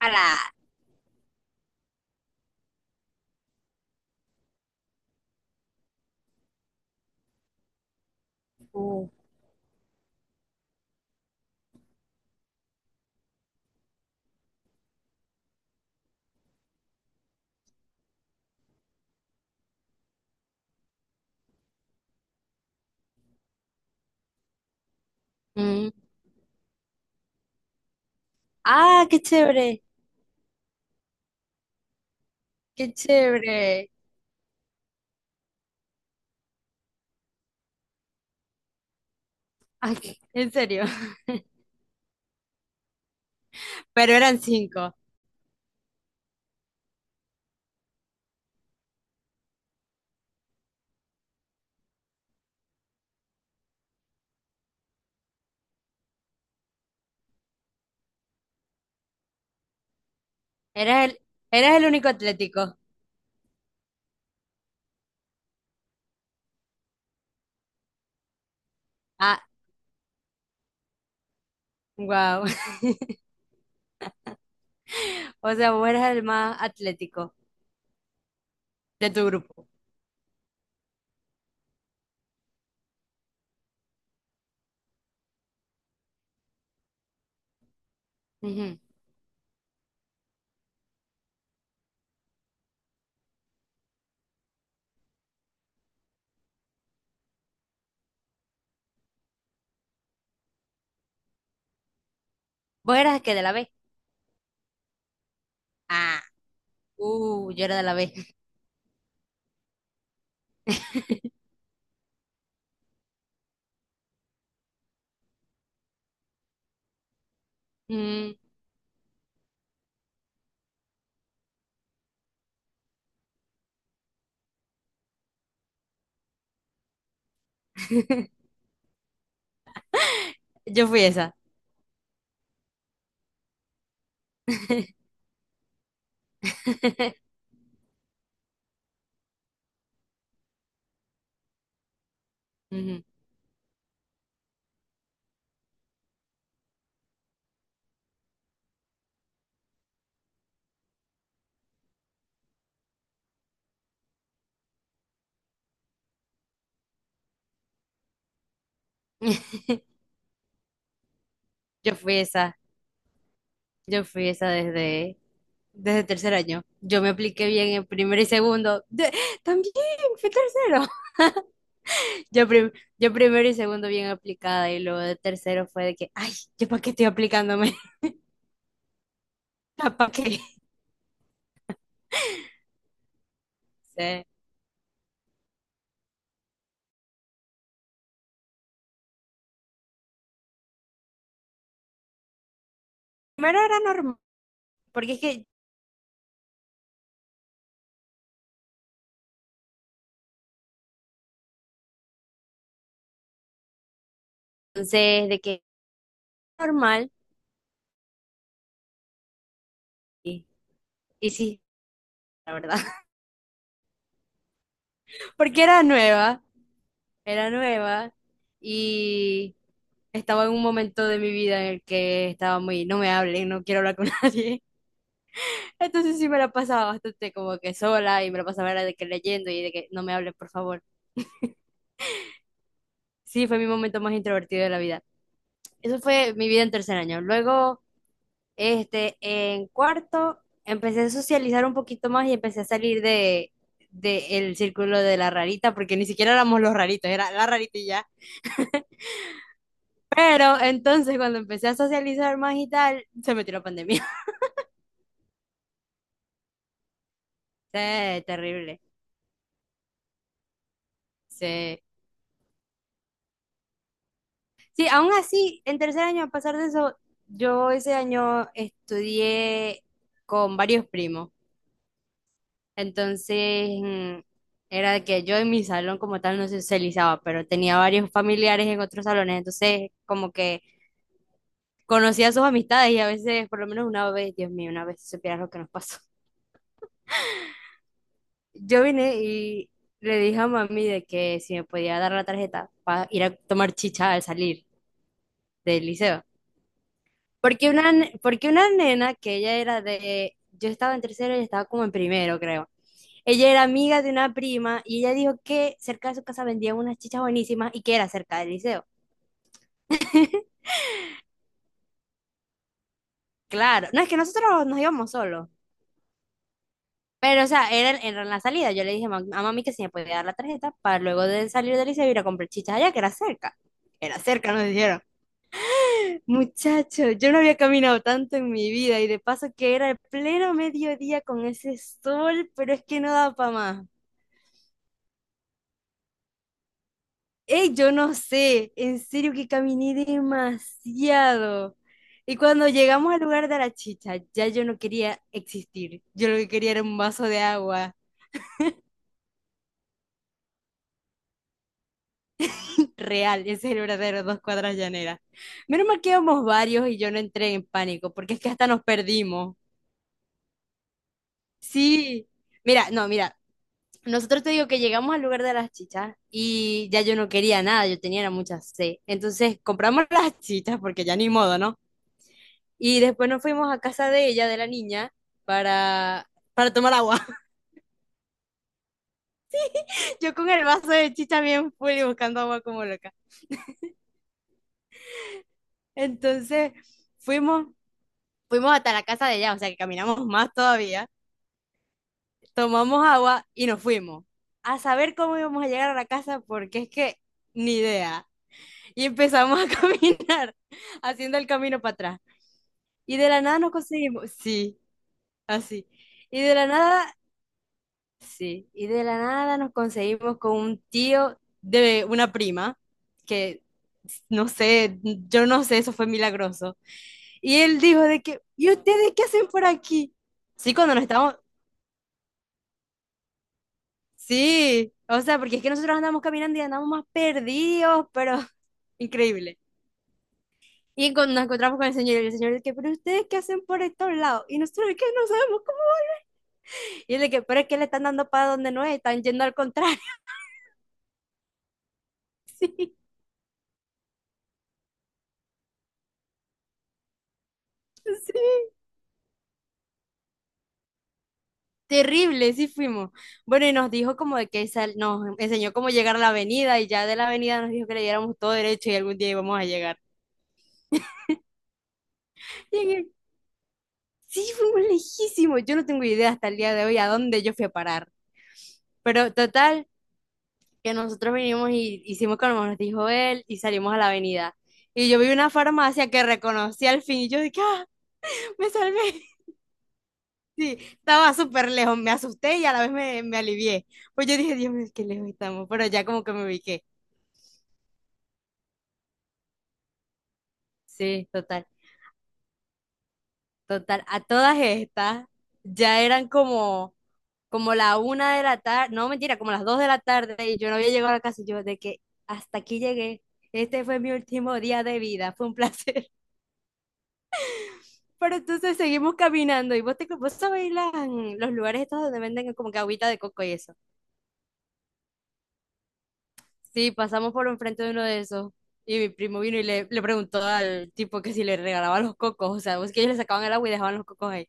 Ala. Uh, mm. Ah, qué chévere, qué chévere. Ay, en serio. Pero eran cinco. Eras el, eras el único atlético. Ah, wow. O sea, vos eras el más atlético de tu grupo. Ujú. Vos eras el que de la B. Ah, yo era de la B. Mm. Yo fui esa. Ujú. Yo fui esa. Yo fui esa desde, desde 3.er año. Yo me apliqué bien en primero y segundo. También fui tercero. Yo, prim- yo primero y segundo bien aplicada y luego de tercero fue de que, ay, ¿yo para qué estoy aplicándome? ¿Para qué? Sí. Primero era normal, porque es que entonces de que normal, y, y sí, la verdad. Porque era nueva y estaba en un momento de mi vida en el que estaba muy, no me hablen, no quiero hablar con nadie. Entonces sí me la pasaba bastante como que sola y me la pasaba era de que leyendo y de que no me hablen, por favor. Sí, fue mi momento más introvertido de la vida. Eso fue mi vida en 3.er año. Luego, este, en cuarto, empecé a socializar un poquito más y empecé a salir de el círculo de la rarita, porque ni siquiera éramos los raritos, era la rarita y ya. Pero entonces cuando empecé a socializar más y tal, se metió la pandemia. Sí, terrible. Sí. Sí, aún así, en 3.er año, a pesar de eso, yo ese año estudié con varios primos. Entonces, era de que yo en mi salón como tal no se socializaba, pero tenía varios familiares en otros salones. Entonces, como que conocía sus amistades y a veces, por lo menos una vez, Dios mío, una vez si supieras lo que nos pasó. Yo vine y le dije a mami de que si me podía dar la tarjeta para ir a tomar chicha al salir del liceo. Porque porque una nena que ella era de, yo estaba en tercero, ella estaba como en primero, creo. Ella era amiga de una prima y ella dijo que cerca de su casa vendían unas chichas buenísimas y que era cerca del liceo. Claro, no es que nosotros nos íbamos solos, pero o sea, era en la salida. Yo le dije a mami que si me podía dar la tarjeta para luego de salir del liceo ir a comprar chichas allá, que era cerca. Era cerca, nos dijeron. Muchacho, yo no había caminado tanto en mi vida y de paso que era el pleno mediodía con ese sol, pero es que no daba para más. Ey, yo no sé, en serio que caminé demasiado. Y cuando llegamos al lugar de la chicha, ya yo no quería existir. Yo lo que quería era un vaso de agua real. Ese es el verdadero 2 cuadras llaneras. Menos mal que íbamos varios y yo no entré en pánico, porque es que hasta nos perdimos. Sí, mira, no, mira, nosotros te digo que llegamos al lugar de las chichas y ya yo no quería nada, yo tenía era mucha sed. Entonces compramos las chichas porque ya ni modo, ¿no? Y después nos fuimos a casa de ella, de la niña, para tomar agua. Yo con el vaso de chicha bien full y buscando agua como loca. Entonces fuimos, fuimos hasta la casa de ella, o sea que caminamos más todavía, tomamos agua y nos fuimos. A saber cómo íbamos a llegar a la casa, porque es que ni idea. Y empezamos a caminar, haciendo el camino para atrás. Y de la nada nos conseguimos, sí, así. Y de la nada Sí, y de la nada nos conseguimos con un tío de una prima, que no sé, yo no sé, eso fue milagroso. Y él dijo de que, ¿y ustedes qué hacen por aquí? Sí, sí, o sea, porque es que nosotros andamos caminando y andamos más perdidos, pero increíble. Y cuando nos encontramos con el señor, y el señor de que, ¿pero ustedes qué hacen por estos lados? Y nosotros de que no sabemos cómo. Y él de que, pero es que le están dando para donde no es, están yendo al contrario. Sí. Terrible, sí fuimos. Bueno, y nos dijo como de que nos enseñó cómo llegar a la avenida y ya de la avenida nos dijo que le diéramos todo derecho y algún día íbamos a llegar. Y en el- sí, fuimos lejísimos. Yo no tengo idea hasta el día de hoy a dónde yo fui a parar. Pero total, que nosotros vinimos y hicimos como nos dijo él y salimos a la avenida. Y yo vi una farmacia que reconocí al fin y yo dije, ah, me salvé. Sí, estaba súper lejos, me asusté y a la vez me alivié. Pues yo dije, Dios mío, qué lejos estamos, pero ya como que me ubiqué. Sí, total. Total, a todas estas ya eran como, como la una de la tarde, no mentira, como las 2 de la tarde y yo no había llegado a la casa y yo de que hasta aquí llegué, este fue mi último día de vida, fue un placer. Pero entonces seguimos caminando y vos, vos sabés los lugares estos donde venden como que agüita de coco y eso. Sí, pasamos por enfrente de uno de esos y mi primo vino y le preguntó al tipo que si le regalaba los cocos, o sea, vos que ellos le sacaban el agua y dejaban los cocos ahí.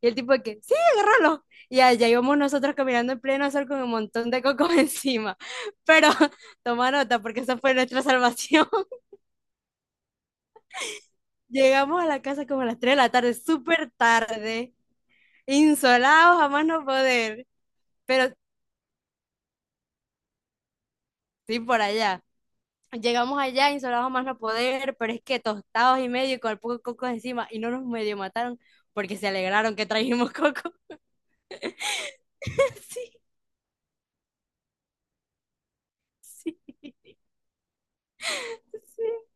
Y el tipo de que, sí, agárralo. Y allá íbamos nosotros caminando en pleno sol con un montón de cocos encima. Pero toma nota porque esa fue nuestra salvación. Llegamos a la casa como a las 3 de la tarde, súper tarde, insolados, jamás no poder. Pero sí, por allá. Llegamos allá, insolados, jamás no poder, pero es que tostados y medio y con el poco de cocos encima. Y no nos medio mataron porque se alegraron que trajimos coco. Sí, sí.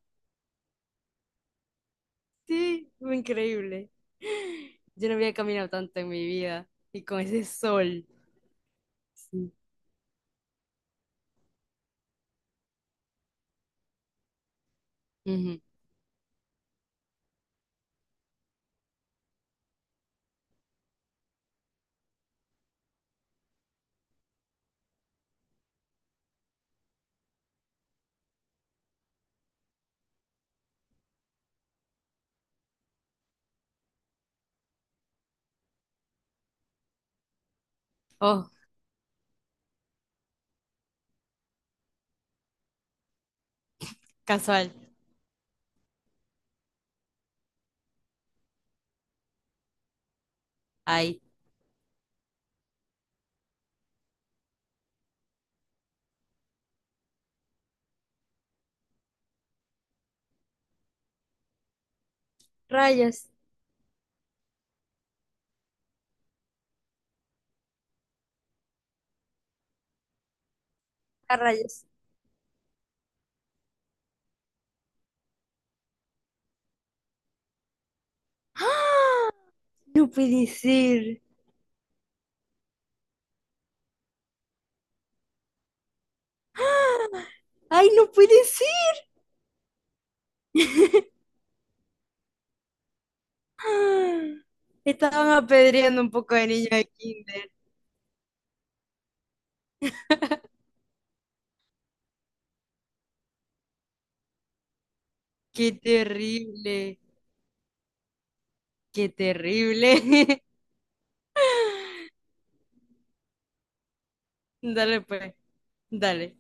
Sí, fue increíble. Yo no había caminado tanto en mi vida y con ese sol. Sí. Ujú. Oh, casual. Ay, Rayas, a rayas. ¡Ah! No puede ser. ¡Ah! Ay, no puede ser. ¡Ah! Estaban apedreando un poco de niños de kinder. Qué terrible, qué terrible. Dale pues, dale.